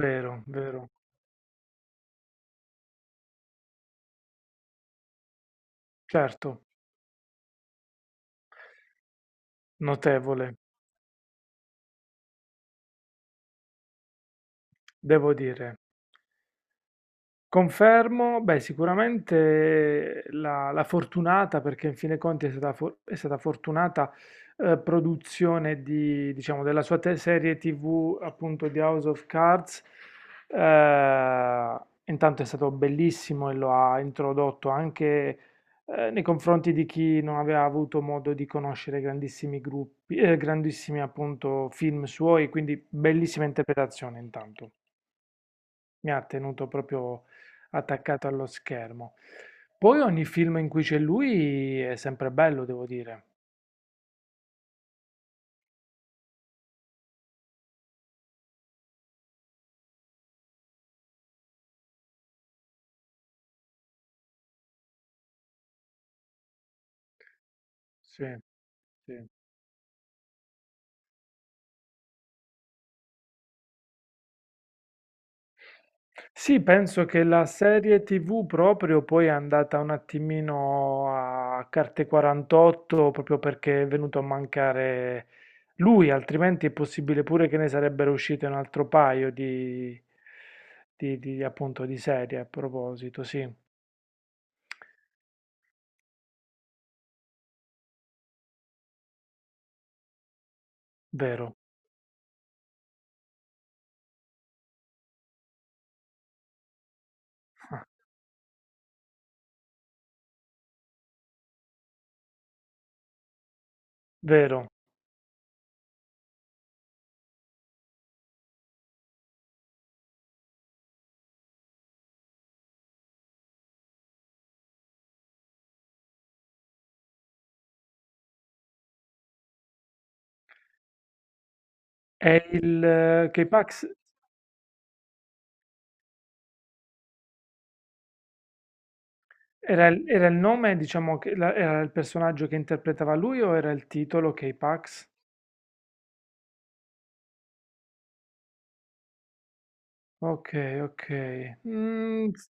Vero, vero, certo, notevole, devo dire. Confermo, beh, sicuramente la fortunata, perché in fin dei conti è stata, è stata fortunata produzione di, diciamo, della sua serie TV, appunto di House of Cards. Eh, intanto è stato bellissimo e lo ha introdotto anche nei confronti di chi non aveva avuto modo di conoscere grandissimi gruppi, grandissimi appunto film suoi, quindi bellissima interpretazione intanto. Mi ha tenuto proprio attaccato allo schermo. Poi ogni film in cui c'è lui è sempre bello, devo dire. Sì, sì. Sì, penso che la serie TV proprio poi è andata un attimino a carte 48 proprio perché è venuto a mancare lui, altrimenti è possibile pure che ne sarebbero uscite un altro paio di, appunto di serie a proposito, sì, vero, vero. È il K-Pax era il nome, diciamo, era il personaggio che interpretava lui o era il titolo K-Pax? Ok, ok.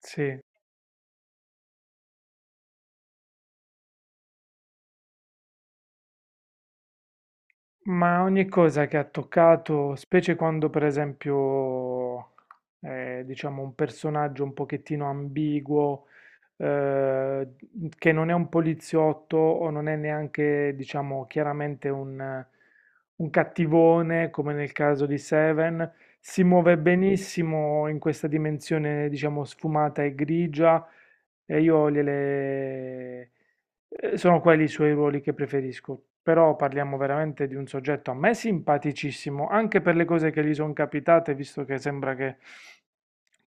Sì, ma ogni cosa che ha toccato, specie quando per esempio è, diciamo, un personaggio un pochettino ambiguo, eh, che non è un poliziotto o non è neanche, diciamo, chiaramente un cattivone come nel caso di Seven, si muove benissimo in questa dimensione, diciamo, sfumata e grigia e sono quelli i suoi ruoli che preferisco, però parliamo veramente di un soggetto a me simpaticissimo, anche per le cose che gli sono capitate, visto che sembra che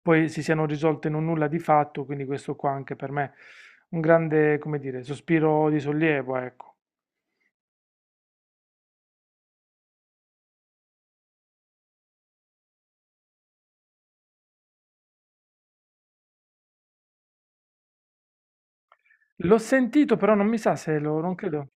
poi si siano risolte in un nulla di fatto, quindi questo qua anche per me un grande, come dire, sospiro di sollievo, ecco. L'ho sentito, però non mi sa se lo, non credo.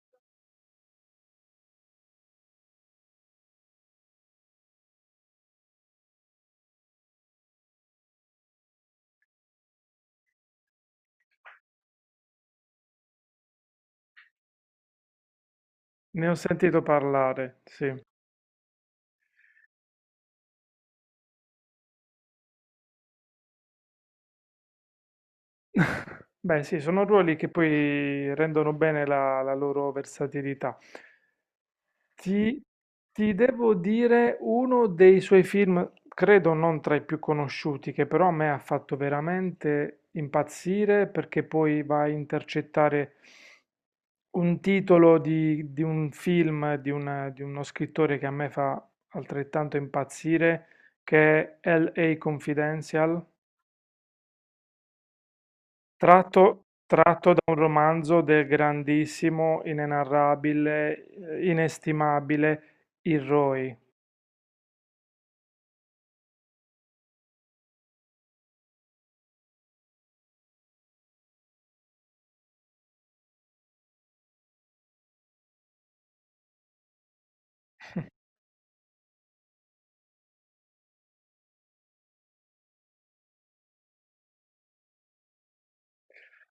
Ne ho sentito parlare, sì. Beh, sì, sono ruoli che poi rendono bene la loro versatilità. Ti, ti devo dire uno dei suoi film, credo non tra i più conosciuti, che però a me ha fatto veramente impazzire perché poi va a intercettare un titolo di un film di, di uno scrittore che a me fa altrettanto impazzire, che è L.A. Confidential, tratto da un romanzo del grandissimo, inenarrabile, inestimabile Iroi.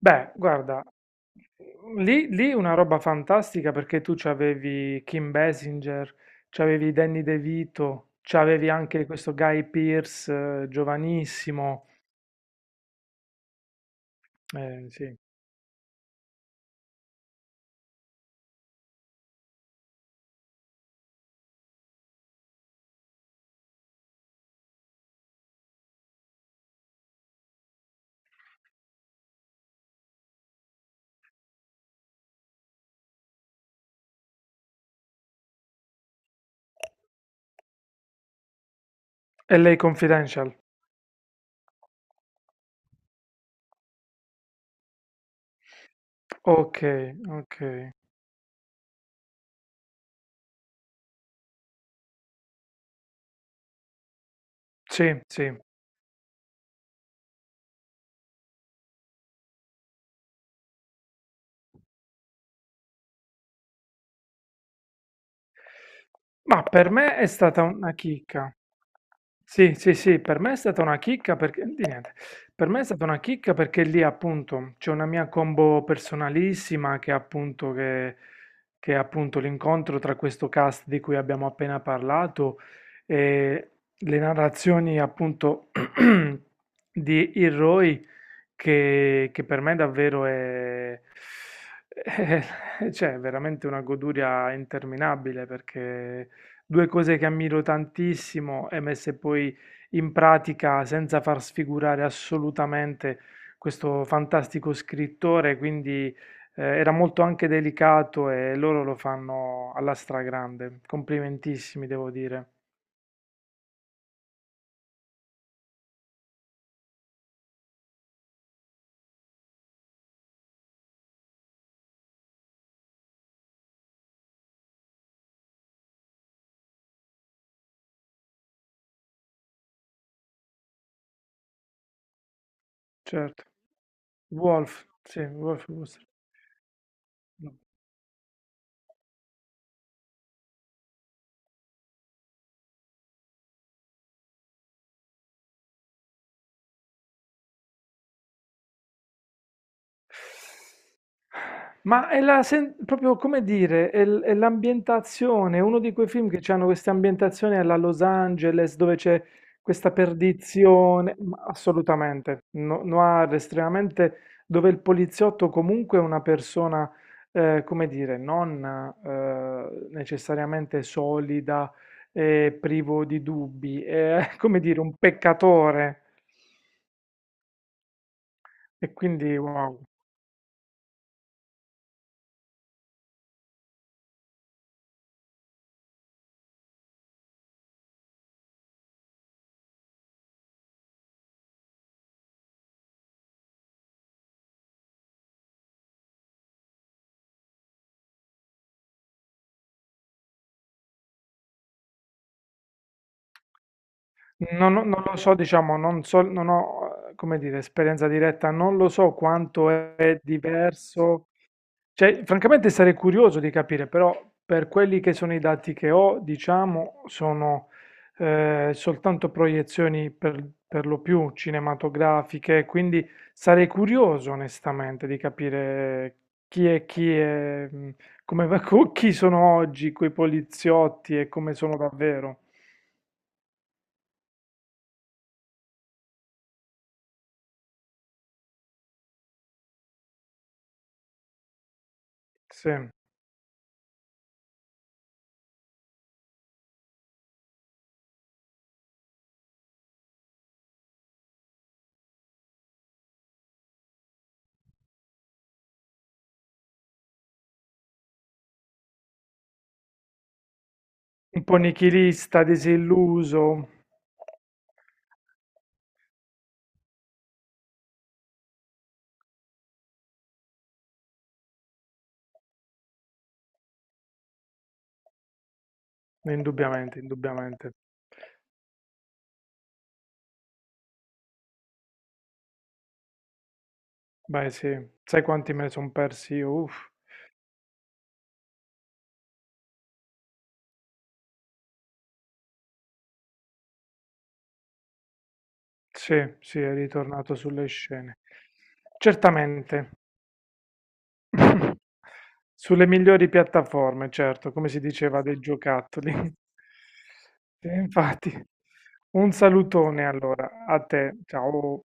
Beh, guarda, lì una roba fantastica perché tu c'avevi Kim Basinger, c'avevi Danny DeVito, c'avevi anche questo Guy Pearce giovanissimo, sì. L.A. Confidential. Ok, ok. Sì, sì. Ma per me è stata una chicca. Sì, sì, sì, per me è stata una chicca perché, di niente, per me è stata una chicca perché lì appunto c'è una mia combo personalissima che è appunto l'incontro tra questo cast di cui abbiamo appena parlato e le narrazioni appunto di Hiroi che per me davvero è, c'è veramente una goduria interminabile perché due cose che ammiro tantissimo e messe poi in pratica senza far sfigurare assolutamente questo fantastico scrittore, quindi era molto anche delicato e loro lo fanno alla stragrande. Complimentissimi, devo dire. Certo. Wolf, sì, Wolf. Ma è proprio come dire, è è l'ambientazione, è uno di quei film che hanno queste ambientazioni alla Los Angeles dove c'è questa perdizione, ma assolutamente, noir estremamente, dove il poliziotto comunque è una persona, come dire, non necessariamente solida e privo di dubbi, è come dire un peccatore e quindi wow. Non lo so, diciamo, non so, non ho, come dire, esperienza diretta, non lo so quanto è diverso. Cioè, francamente sarei curioso di capire, però per quelli che sono i dati che ho, diciamo, sono soltanto proiezioni per lo più cinematografiche, quindi sarei curioso onestamente di capire chi è, come, chi sono oggi quei poliziotti e come sono davvero. Sì. Un po' nichilista, disilluso, indubbiamente, indubbiamente. Beh, sì, sai quanti me ne sono persi io? Uff, sì, sì, è ritornato sulle scene. Certamente, sulle migliori piattaforme, certo, come si diceva dei giocattoli. Sì, infatti, un salutone allora a te, ciao.